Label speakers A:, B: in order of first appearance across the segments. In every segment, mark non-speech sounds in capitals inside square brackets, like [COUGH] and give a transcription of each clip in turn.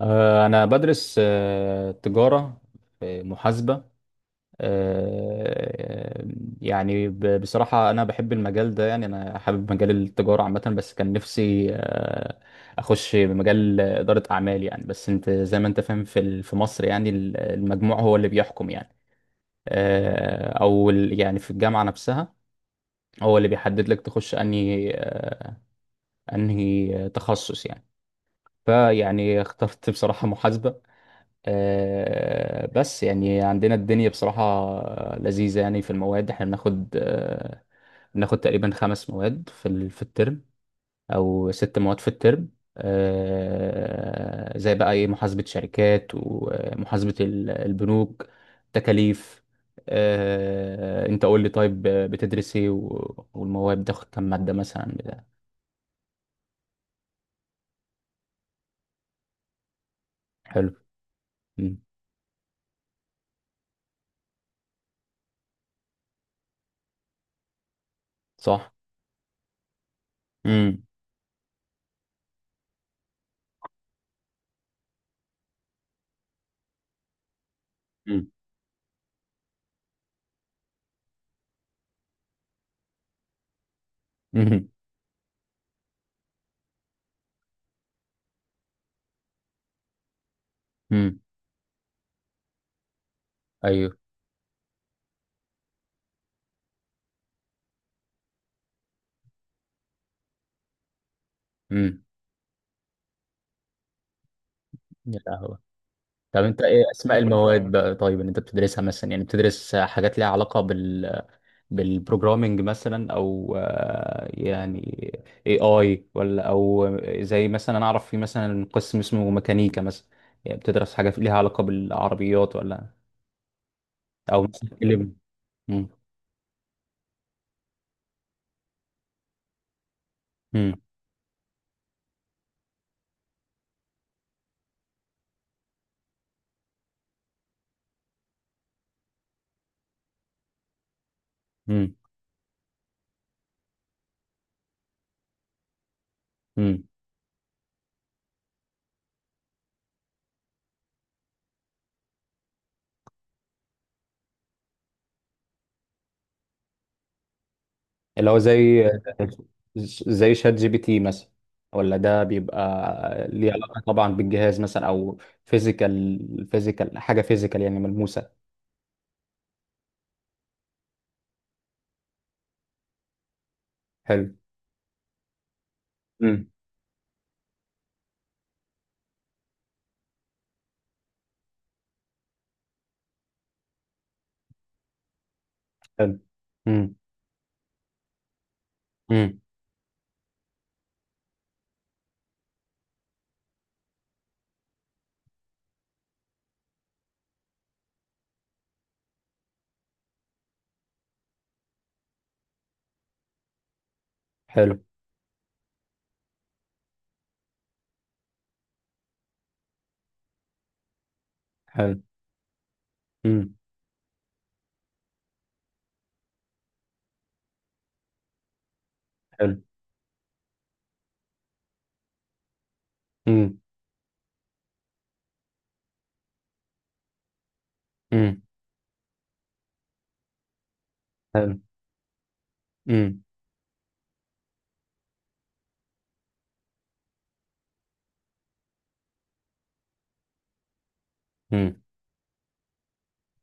A: أنا بدرس تجارة في محاسبة آه، يعني بصراحة، أنا بحب المجال ده. يعني أنا حابب مجال التجارة عامة، بس كان نفسي، أخش مجال إدارة أعمال يعني. بس أنت زي ما أنت فاهم في مصر، يعني المجموع هو اللي بيحكم يعني. أو يعني في الجامعة نفسها هو اللي بيحدد لك تخش أنهي تخصص يعني. فيعني اخترت بصراحة محاسبة. بس يعني عندنا الدنيا بصراحة لذيذة، يعني في المواد احنا بناخد تقريبا 5 مواد في الترم، أو 6 مواد في الترم. زي بقى ايه، محاسبة شركات، ومحاسبة البنوك، تكاليف. انت قول لي طيب، بتدرس ايه و- والمواد بتاخد كام مادة مثلا بتاع. حلو. مم. صح. امم. امم. امم. ايوه. امم. طب انت ايه اسماء المواد بقى؟ طيب، اللي انت بتدرسها مثلا، يعني بتدرس حاجات ليها علاقة بالبروجرامينج مثلا، او يعني اي ولا او زي مثلا، انا اعرف في مثلا قسم اسمه ميكانيكا مثلا، يعني بتدرس حاجة ليها علاقة بالعربيات ولا او مثلا اللي. مم. مم. مم. مم. اللي هو زي شات جي بي تي مثلا، ولا ده بيبقى ليه علاقة طبعا بالجهاز مثلا، او فيزيكال، حاجة فيزيكال، يعني ملموسة. حلو. امم. حلو. امم. امم. حلو. حلو. امم. حلو. امم. امم. حلو. امم.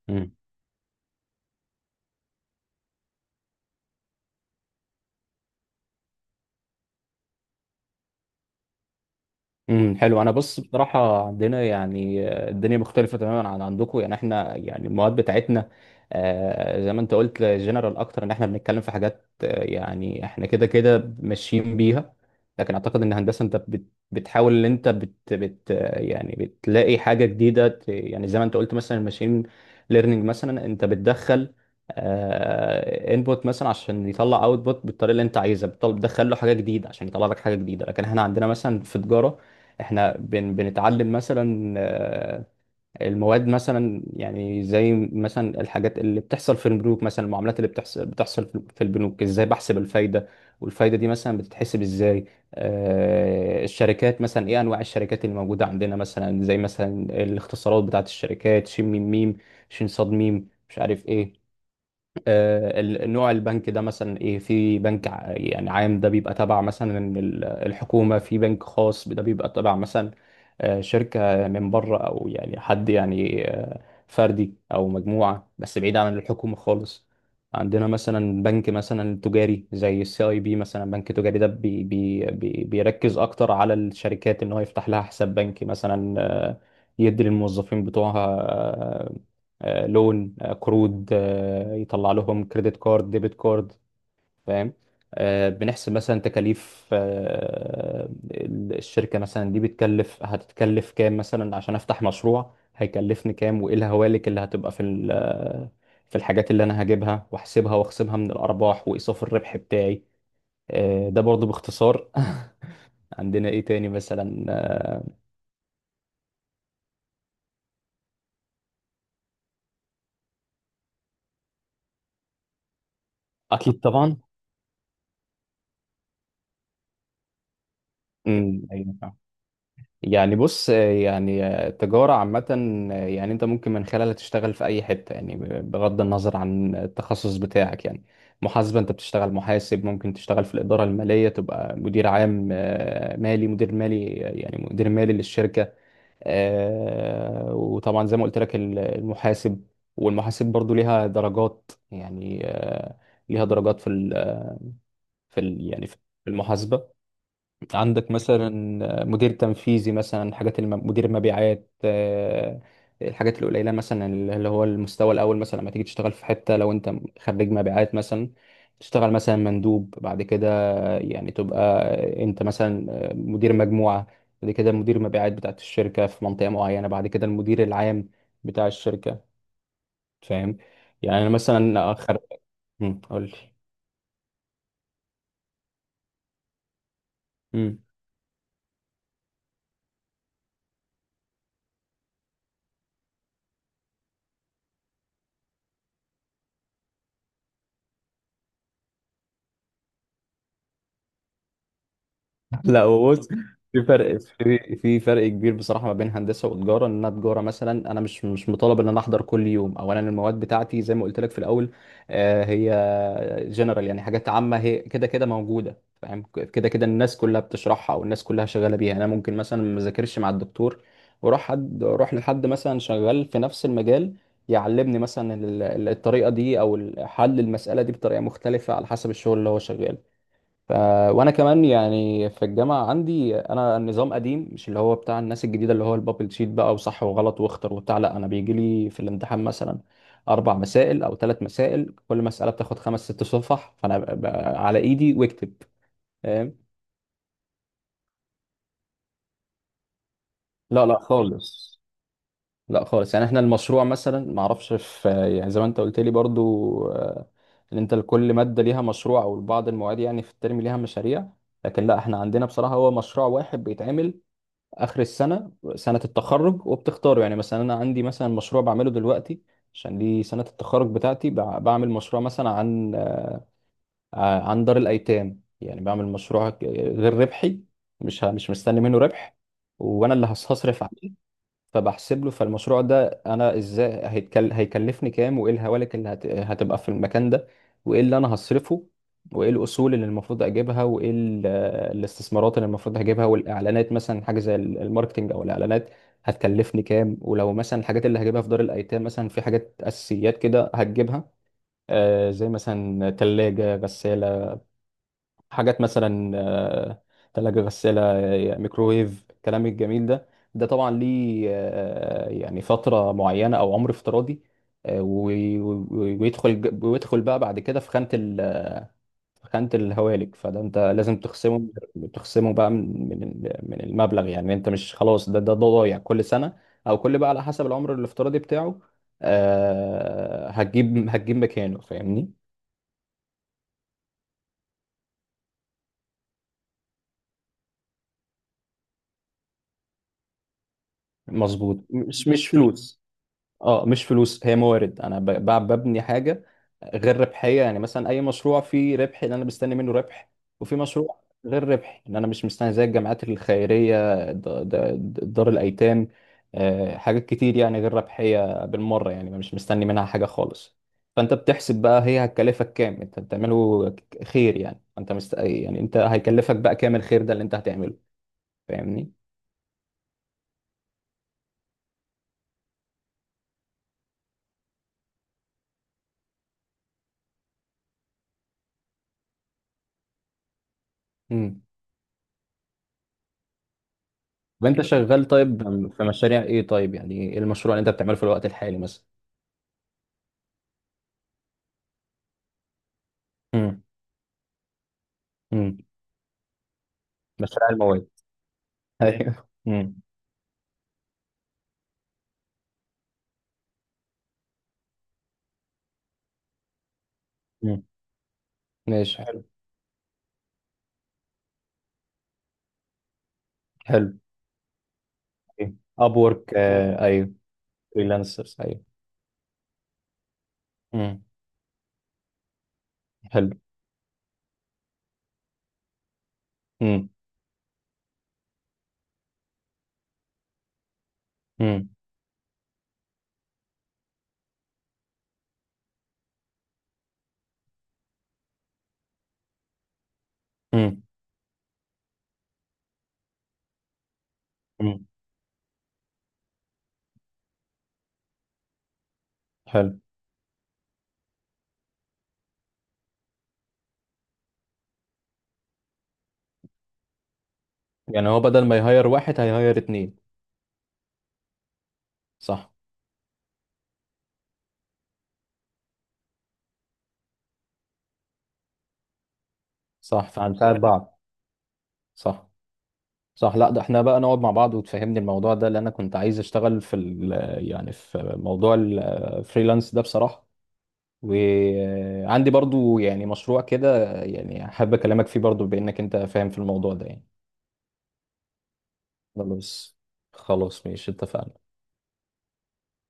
A: امم. امم. حلو. انا بص، بصراحه عندنا يعني، الدنيا مختلفه تماما عن عندكم. يعني احنا، يعني المواد بتاعتنا، زي ما انت قلت، جنرال اكتر، ان احنا بنتكلم في حاجات، يعني احنا كده كده ماشيين بيها. لكن اعتقد ان هندسه، انت بتحاول، ان انت بت بت آه، يعني بتلاقي حاجه جديده، يعني زي ما انت قلت مثلا الماشين ليرنينج، مثلا انت بتدخل انبوت مثلا عشان يطلع اوتبوت بالطريقه اللي انت عايزها، بتدخل له حاجه جديده عشان يطلع لك حاجه جديده. لكن احنا عندنا مثلا في تجاره، احنا بنتعلم مثلا، المواد مثلا، يعني زي مثلا الحاجات اللي بتحصل في البنوك مثلا، المعاملات اللي بتحصل في البنوك ازاي، بحسب الفايدة. والفايدة دي مثلا بتتحسب ازاي؟ الشركات مثلا، ايه انواع الشركات اللي موجودة عندنا مثلا، زي مثلا الاختصارات بتاعت الشركات، ش م م، شين صاد ميم، مش عارف ايه. نوع البنك ده مثلا ايه. في بنك يعني عام، ده بيبقى تبع مثلا الحكومة. في بنك خاص، ده بيبقى تبع مثلا، شركة من بره، او يعني حد يعني، فردي او مجموعة، بس بعيد عن الحكومة خالص. عندنا مثلا بنك مثلا تجاري زي السي اي بي، مثلا بنك تجاري ده بي بيركز اكتر على الشركات، ان هو يفتح لها حساب بنكي مثلا، يدي للموظفين بتوعها، لون، قروض، يطلع لهم كريدت كارد، ديبت كارد. فاهم. بنحسب مثلا تكاليف، الشركة مثلا دي بتكلف، هتتكلف كام مثلا، عشان افتح مشروع هيكلفني كام، وايه الهوالك اللي هتبقى في في الحاجات اللي انا هجيبها واحسبها واخصمها من الارباح، وايصاف الربح بتاعي. ده برضو باختصار. [LAUGHS] عندنا ايه تاني مثلا. اكيد طبعا. امم. ايوه. يعني بص، يعني التجارة عامة، يعني انت ممكن من خلالها تشتغل في اي حتة، يعني بغض النظر عن التخصص بتاعك يعني. محاسبة، انت بتشتغل محاسب، ممكن تشتغل في الإدارة المالية، تبقى مدير عام، مالي، مدير مالي، يعني مدير مالي للشركة. وطبعا زي ما قلت لك، المحاسب والمحاسب برضو ليها درجات يعني، ليها درجات في ال يعني في المحاسبة. عندك مثلا مدير تنفيذي مثلا، مدير المبيعات، الحاجات القليله مثلا، اللي هو المستوى الاول مثلا، لما تيجي تشتغل في حته، لو انت خريج مبيعات مثلا، تشتغل مثلا مندوب، بعد كده يعني تبقى انت مثلا مدير مجموعه، بعد كده مدير مبيعات بتاعت الشركه في منطقه معينه، بعد كده المدير العام بتاع الشركه. فاهم؟ يعني انا مثلا اخر. قول لي. [LAUGHS] لا، هو بص، في فرق، في فرق كبير بصراحه ما بين هندسه وتجاره. ان انا تجاره مثلا، انا مش مطالب ان انا احضر كل يوم. اولا، المواد بتاعتي زي ما قلت لك في الاول، هي جنرال يعني، حاجات عامه هي كده كده موجوده. فاهم؟ كده كده الناس كلها بتشرحها، او الناس كلها شغاله بيها. يعني انا ممكن مثلا ما ذاكرش مع الدكتور، واروح اروح لحد مثلا شغال في نفس المجال، يعلمني مثلا الطريقه دي، او حل المساله دي بطريقه مختلفه على حسب الشغل اللي هو شغال. ف... وانا كمان يعني في الجامعه عندي انا، النظام قديم، مش اللي هو بتاع الناس الجديده، اللي هو البابل شيت بقى وصح وغلط واختر وبتاع. لا، انا بيجي لي في الامتحان مثلا 4 مسائل او 3 مسائل، كل مساله بتاخد خمس ست صفح، فانا على ايدي واكتب. فاهم؟ لا لا خالص. لا خالص، يعني احنا المشروع مثلا ما اعرفش في. يعني زي ما انت قلت لي برضو، ان انت لكل ماده ليها مشروع، او بعض المواد يعني في الترم ليها مشاريع. لكن لا، احنا عندنا بصراحه هو مشروع واحد بيتعمل اخر السنه، سنه التخرج، وبتختاره. يعني مثلا انا عندي مثلا مشروع بعمله دلوقتي، عشان دي سنه التخرج بتاعتي. بعمل مشروع مثلا عن، عن دار الايتام، يعني بعمل مشروع غير ربحي، مش مستني منه ربح، وانا اللي هصرف عليه. فبحسب له. فالمشروع ده، انا ازاي هيكلفني كام، وايه الهوالك اللي هتبقى في المكان ده، وايه اللي انا هصرفه، وايه الاصول اللي المفروض اجيبها، وايه الاستثمارات اللي المفروض هجيبها، والاعلانات مثلا، حاجه زي الماركتينج او الاعلانات هتكلفني كام. ولو مثلا الحاجات اللي هجيبها في دار الايتام مثلا، في حاجات اساسيات كده هتجيبها، زي مثلا ثلاجه، غساله، حاجات مثلا، تلاجة، غسالة، ميكروويف، الكلام الجميل ده، ده طبعا ليه، يعني فترة معينة أو عمر افتراضي، ويدخل بقى بعد كده في خانة ال آه، في خانة الهوالك. فده أنت لازم تخصمه، بقى من المبلغ. يعني أنت مش خلاص، ده ضايع كل سنة، أو كل بقى على حسب العمر الافتراضي بتاعه. هتجيب مكانه. فاهمني؟ مظبوط، مش فلوس. اه، مش فلوس، هي موارد. انا ببني حاجه غير ربحيه، يعني مثلا اي مشروع فيه ربح، ان انا مستني منه ربح. وفي مشروع غير ربحي، ان انا مش مستني، زي الجامعات الخيريه، دار الايتام. حاجات كتير يعني غير ربحيه بالمره، يعني مش مستني منها حاجه خالص. فانت بتحسب بقى هي هتكلفك كام. انت بتعمله خير، يعني انت يعني انت هيكلفك بقى كام الخير ده اللي انت هتعمله. فاهمني؟ طب انت شغال طيب في مشاريع ايه؟ طيب، يعني ايه المشروع اللي انت بتعمله في الوقت الحالي مثلا؟ امم. امم. مشاريع المواد، ايوه. امم. امم. ماشي حلو. حلو. اب وورك، آه ايوه. فريلانسرز، ايوه. امم. حلو. امم. امم. امم. امم. حلو. يعني هو بدل ما يهير واحد هيهير اتنين. صح. صح، فهنساعد بعض. صح. صح. لا، ده احنا بقى نقعد مع بعض وتفهمني الموضوع ده، لان انا كنت عايز اشتغل في ال يعني في موضوع الفريلانس ده بصراحة. وعندي برضو يعني مشروع كده، يعني حابب اكلمك فيه برضو، بانك انت فاهم في الموضوع ده يعني. خلاص. خلاص ماشي، اتفقنا.